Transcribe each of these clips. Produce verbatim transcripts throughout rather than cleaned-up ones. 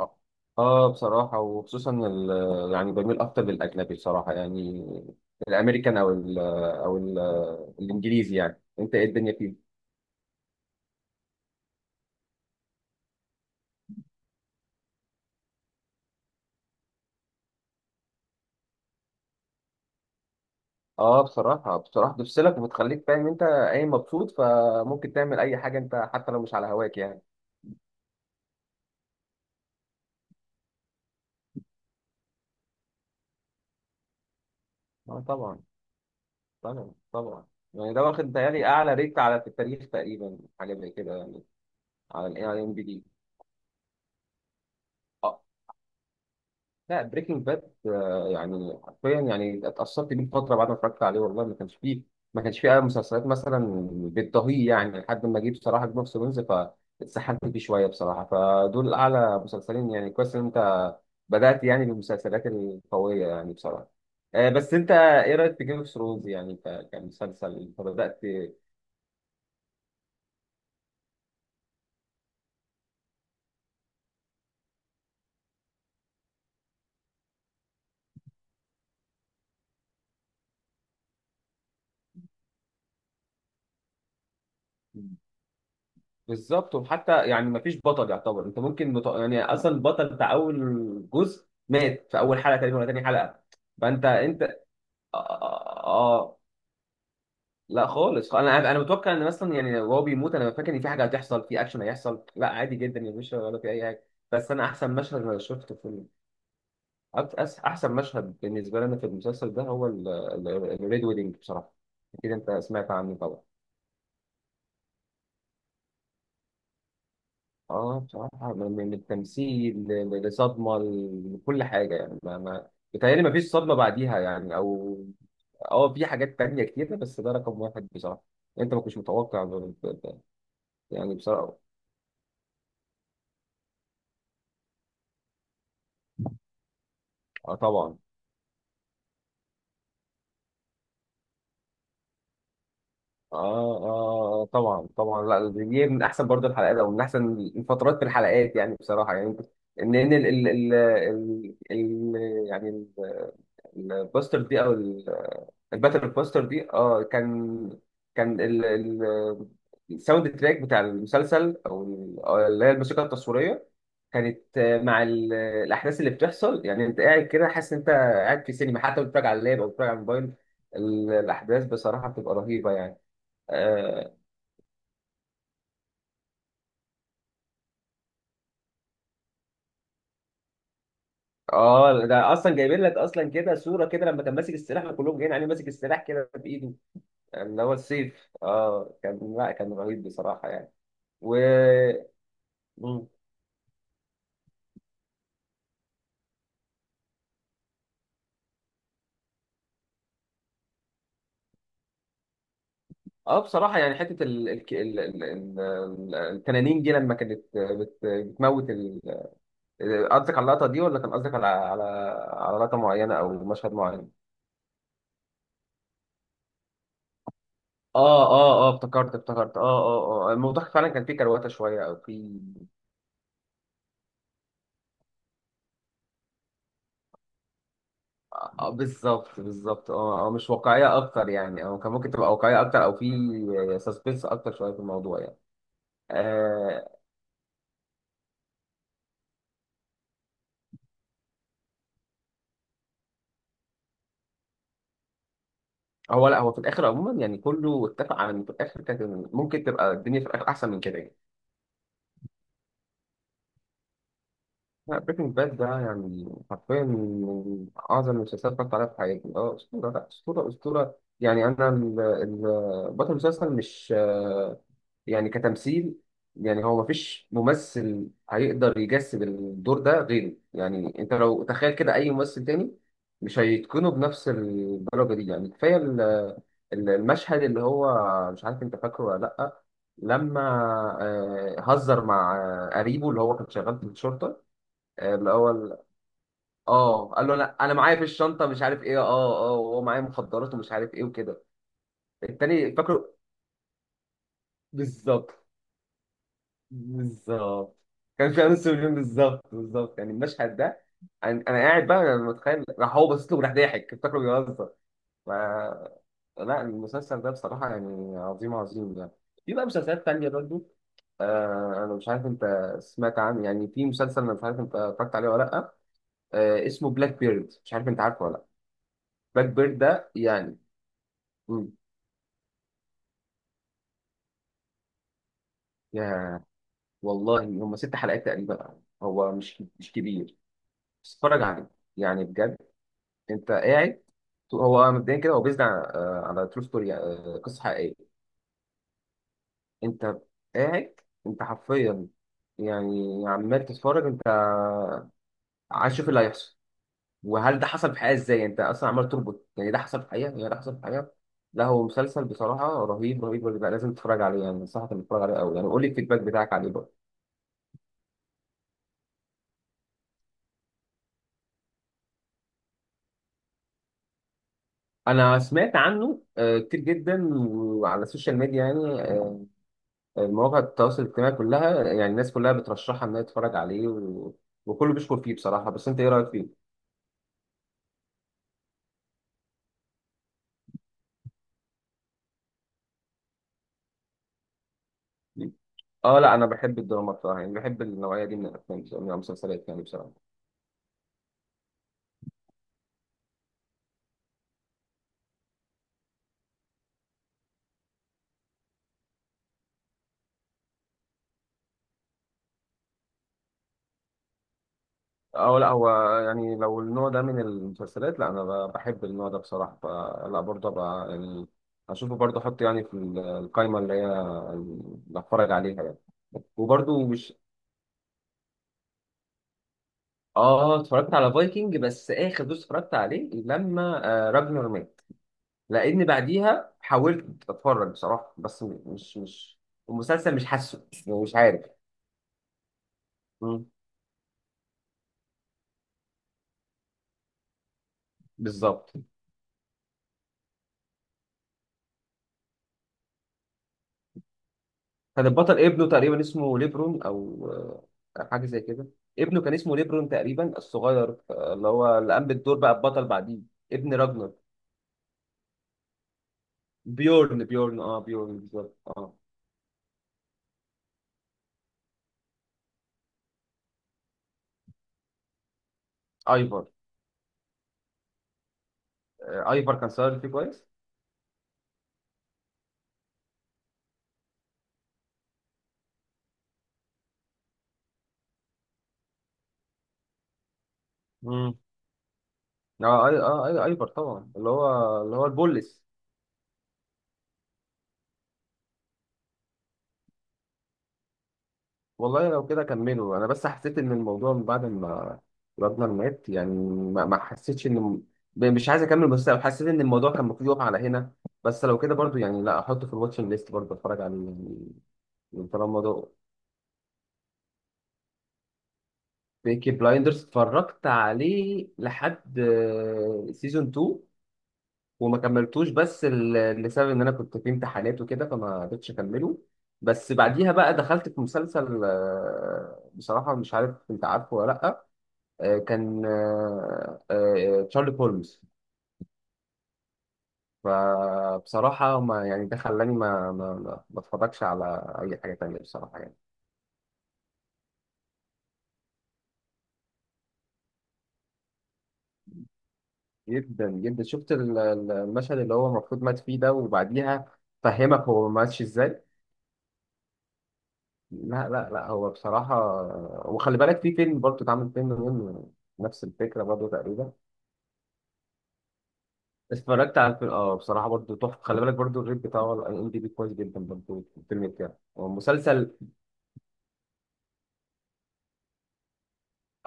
اه آه، بصراحة وخصوصا ال- يعني بميل أكتر للأجنبي بصراحة يعني. الأمريكان أو ال أو ال الإنجليزي، يعني أنت إيه الدنيا فيه؟ آه، بصراحة بصراحة بتفصلك وبتخليك فاهم أنت أي مبسوط، فممكن تعمل أي حاجة أنت حتى لو مش على هواك يعني. آه طبعا، طبعا طبعا. يعني ده واخد بيتهيألي أعلى ريت على، في التاريخ تقريبا، حاجة زي كده يعني. على ال IMDb. لا بريكنج باد يعني حرفيا، يعني اتأثرت بيه فترة بعد ما اتفرجت عليه. والله ما كانش فيه، ما كانش فيه أي مسلسلات مثلا بتضاهيه يعني، لحد ما جه بصراحة جيم اوف ثرونز، فاتسحلت فيه شوية بصراحة. فدول أعلى مسلسلين، يعني كويس إن أنت بدأت يعني بالمسلسلات القوية يعني بصراحة. آه، بس أنت إيه رأيك في جيم اوف ثرونز يعني ك- كمسلسل أنت بدأت؟ بالظبط، وحتى يعني مفيش بطل يعتبر، انت ممكن مت... يعني اصلا البطل بتاع اول جزء مات في اول حلقه تقريبا ولا تاني حلقه. فانت انت آه, آه, آه آه. لا خالص، انا انا متوقع ان مثلا يعني وهو بيموت، انا فاكر ان في حاجه هتحصل، في اكشن هيحصل. لا، عادي جدا يا باشا، ولا في اي حاجه. بس انا احسن مشهد انا شفته في ال- أكت- أس- احسن مشهد بالنسبه لنا في المسلسل ده هو الريد ويدنج بصراحه. اكيد انت سمعت عنه طبعا. اه بصراحة، من من التمثيل ل- ل- لصدمة، ل- لكل حاجة يعني. ما ما بيتهيألي ما فيش صدمة بعديها يعني، أو. اه في حاجات تانية كتير بس ده رقم واحد بصراحة. أنت ما كنتش متوقع ب- ب- ب- يعني بصراحة. اه طبعا، اه اه طبعا طبعا. لا دي من أحسن برضه الحلقات، أو من أحسن الفترات في الحلقات يعني بصراحة يعني. إن إن ال ال ال ال ال- يعني البوستر دي، أو الباتل كوستر دي، اه كان، كان ال ال الساوند تراك بتاع المسلسل، او ال- أو اللي هي الموسيقى التصويريه، كانت آه، مع ال- الاحداث اللي بتحصل. يعني انت قاعد كده حاسس ان انت قاعد في سينما، حتى لو بتتفرج على اللاب او بتتفرج على الموبايل. ال- الاحداث بصراحه بتبقى رهيبه يعني. اه آه، ده اصلا جايبين لك اصلا كده صوره كده، لما كان ماسك السلاح، كلهم جايين عليه ماسك السلاح كده بايده، اللي هو السيف. اه كان، لا كان رهيب بصراحه يعني. و اه بصراحة يعني حتة ال... ال... ال... ال... ال- التنانين دي لما كانت بت... بتموت ال... قصدك على اللقطة دي، ولا كان قصدك على، على على لقطة معينة أو مشهد معين؟ اه اه اه، افتكرت افتكرت. اه اه اه اه، الموضوع فعلا كان فيه كرواتة شوية، أو فيه. آه آه، بالظبط بالظبط، اه اه. مش واقعية أكتر يعني، أو كان ممكن تبقى واقعية أكتر، أو فيه سسبنس أكتر شوية في الموضوع يعني. آه. هو لا، هو في الآخر عموما يعني كله اتفق على إن في الآخر كانت، ممكن تبقى الدنيا في الآخر أحسن من كده يعني. لا بريكنج باد ده يعني حرفيا من أعظم المسلسلات اتفرجت عليها في حياتي. أه أسطورة، لا أسطورة أسطورة، يعني أنا ال- ال- بطل المسلسل مش آه، يعني كتمثيل. يعني هو مفيش ممثل هيقدر يجسد الدور ده غيره. يعني أنت لو تخيل كده أي ممثل تاني مش هيتقنه بنفس الدرجة دي يعني. كفاية ال- ال- المشهد اللي هو، مش عارف أنت فاكره ولا لأ، لما آه، هزر مع آه، قريبه اللي هو كان شغال في الشرطة، اللي هو ال- اه قال له انا انا معايا في الشنطه مش عارف ايه، اه اه وهو معايا مخدرات ومش عارف ايه وكده. التاني فاكره، بالظبط بالظبط، كان فيها نص مليون. بالظبط بالظبط، يعني المشهد ده، انا، أنا قاعد بقى انا متخيل، راح هو باصص له وراح ضاحك فاكره بيهزر. ف... لا المسلسل ده بصراحه يعني عظيم عظيم يعني. في بقى مسلسلات تانية برضه. آه انا مش عارف انت سمعت عنه، يعني في مسلسل انا مش عارف انت اتفرجت عليه ولا لا. آه اسمه بلاك بيرد، مش عارف انت عارفه ولا لا؟ باك بيرد ده يعني. مم. يا والله، هم ست حلقات تقريبا، هو مش مش كبير. بس اتفرج عليه يعني بجد، انت قاعد. هو مبدئيا كده هو بيزد على آه، على ترو ستوري، قصه حقيقيه. انت قاعد، انت حرفيا يعني عمال تتفرج، انت عايز تشوف اللي هيحصل، وهل ده حصل في الحقيقه ازاي. انت اصلا عمال تربط، يعني ده حصل في الحقيقه، يعني ده حصل في الحقيقه. لا هو مسلسل بصراحه رهيب رهيب رهيب. لازم تتفرج عليه يعني، انصحك انك تتفرج عليه قوي يعني، قول لي الفيدباك بتاعك عليه برضه. انا سمعت عنه آه، كتير جدا، وعلى السوشيال ميديا يعني، آه، آه، مواقع التواصل الاجتماعي كلها، يعني الناس كلها بترشحها انها تتفرج عليه، و... وكله بيشكر فيه بصراحة. بس انت ايه رأيك فيه؟ اه لا، انا بحب الدراما بصراحة، يعني بحب النوعية دي من الافلام بصراحة، من المسلسلات يعني بصراحة. اه لا هو يعني، لو النوع ده من المسلسلات، لا انا ب- بحب النوع ده بصراحة، فلا برضه بقى يعني اشوفه برضه، احط يعني في القائمة اللي هي، اللي هتفرج عليها يعني. وبرضه مش اه اتفرجت على فايكنج، بس اخر دوس اتفرجت عليه لما آه راجنر مات، لان بعديها حاولت اتفرج بصراحه، بس م- مش مش المسلسل، مش حاسه يعني، مش عارف. مم. بالظبط. كان البطل ابنه تقريبا، اسمه ليبرون او آه حاجه زي كده. ابنه كان اسمه ليبرون تقريبا، الصغير، آه اللي هو اللي قام بالدور بقى البطل بعديه، ابن راجنر. بيورن، بيورن، اه بيورن، بالظبط اه. ايفر آه ايفر كان صغير فيه كويس. اه اي اه اي، ايفر طبعا، اللي هو اللي هو البوليس. والله لو كده كملوا، انا بس حسيت ان الموضوع من بعد ما راجنر مات يعني، ما, ما حسيتش ان ب- مش عايز اكمل، بس حسيت ان الموضوع كان المفروض يقف على هنا. بس لو كده برضو يعني، لا احطه في الواتشنج ليست برضو، اتفرج عليه يعني. من طالما ده، بيكي بلايندرز اتفرجت عليه لحد سيزون اتنين وما كملتوش، بس ال- لسبب ان انا كنت في امتحانات وكده، فما قدرتش اكمله. بس بعديها بقى دخلت في مسلسل آه، بصراحة، مش عارف انت عارفه ولا لأ، آه، كان آه، آه، تشارلي هولمز، فبصراحة ما يعني ده خلاني ما ما ما ما اتفرجش على أي حاجة تانية بصراحة يعني. جدا جدا، شفت ال- ال- المشهد اللي هو المفروض مات فيه ده، وبعديها فهمك هو ما ماتش ازاي. لا لا لا، هو بصراحة، وخلي بالك في فيلم برضه، اتعمل فيلم منه، نفس الفكرة برضه تقريبا. اتفرجت على الفيلم اه بصراحة، برضه تحفة. خلي بالك برضه الريت بتاعه على ام دي بي كويس جدا برضه، في الفيلم بتاعه ومسلسل.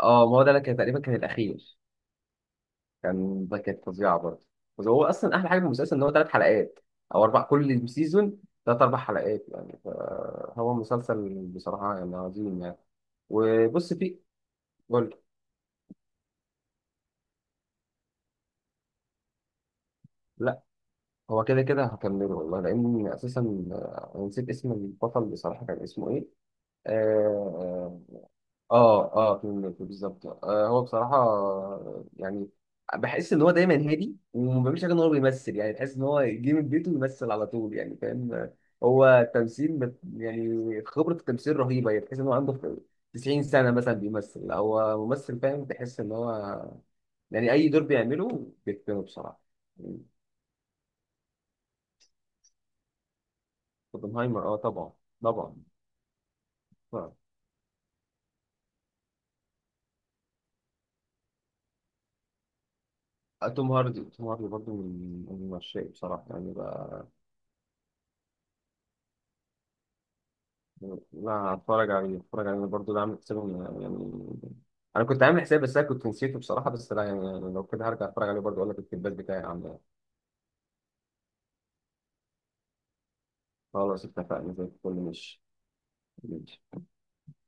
اه ما هو ده، أنا كان تقريبا كان الأخير، كان ده كانت فظيعة برضه. بس هو أصلا أحلى حاجة في المسلسل إن هو ثلاث حلقات أو أربع كل سيزون، ثلاث أربع حلقات يعني، فهو مسلسل بصراحة يعني عظيم يعني. وبص فيه. قول، هو كده كده هكمله والله، لأن أساسا آه، أنا نسيت اسم البطل بصراحة، كان اسمه إيه؟ آه آه آه، فيلم الكلب بالظبط. آه هو بصراحة آه، يعني بحس إن هو دايما هادي وما بيعملش حاجة، إن هو بيمثل يعني. تحس إن هو يجي من بيته ويمثل على طول، يعني فاهم؟ آه، هو تمثيل بت- يعني خبرة التمثيل رهيبة يعني، تحس إن هو عنده تسعين سنة مثلا بيمثل، هو ممثل فاهم، تحس إن هو يعني أي دور بيعمله بيتقنه بصراحة. يعني، اوبنهايمر آه طبعا، طبعا. آه. توم هاردي، توم هاردي برضه من من عشاقي بصراحة يعني بقى. لا، هتفرج عليه، هتفرج عليه برضه، ده عامل حسابي يعني يعني- أنا كنت عامل حسابي، بس أنا كنت نسيته بصراحة. بس لا يعني يعني لو كده هرجع أتفرج عليه برضه، أقول لك الفيدباك بتاعي عامل إيه. خلاص اتفقنا زي الفل، ماشي. ماشي.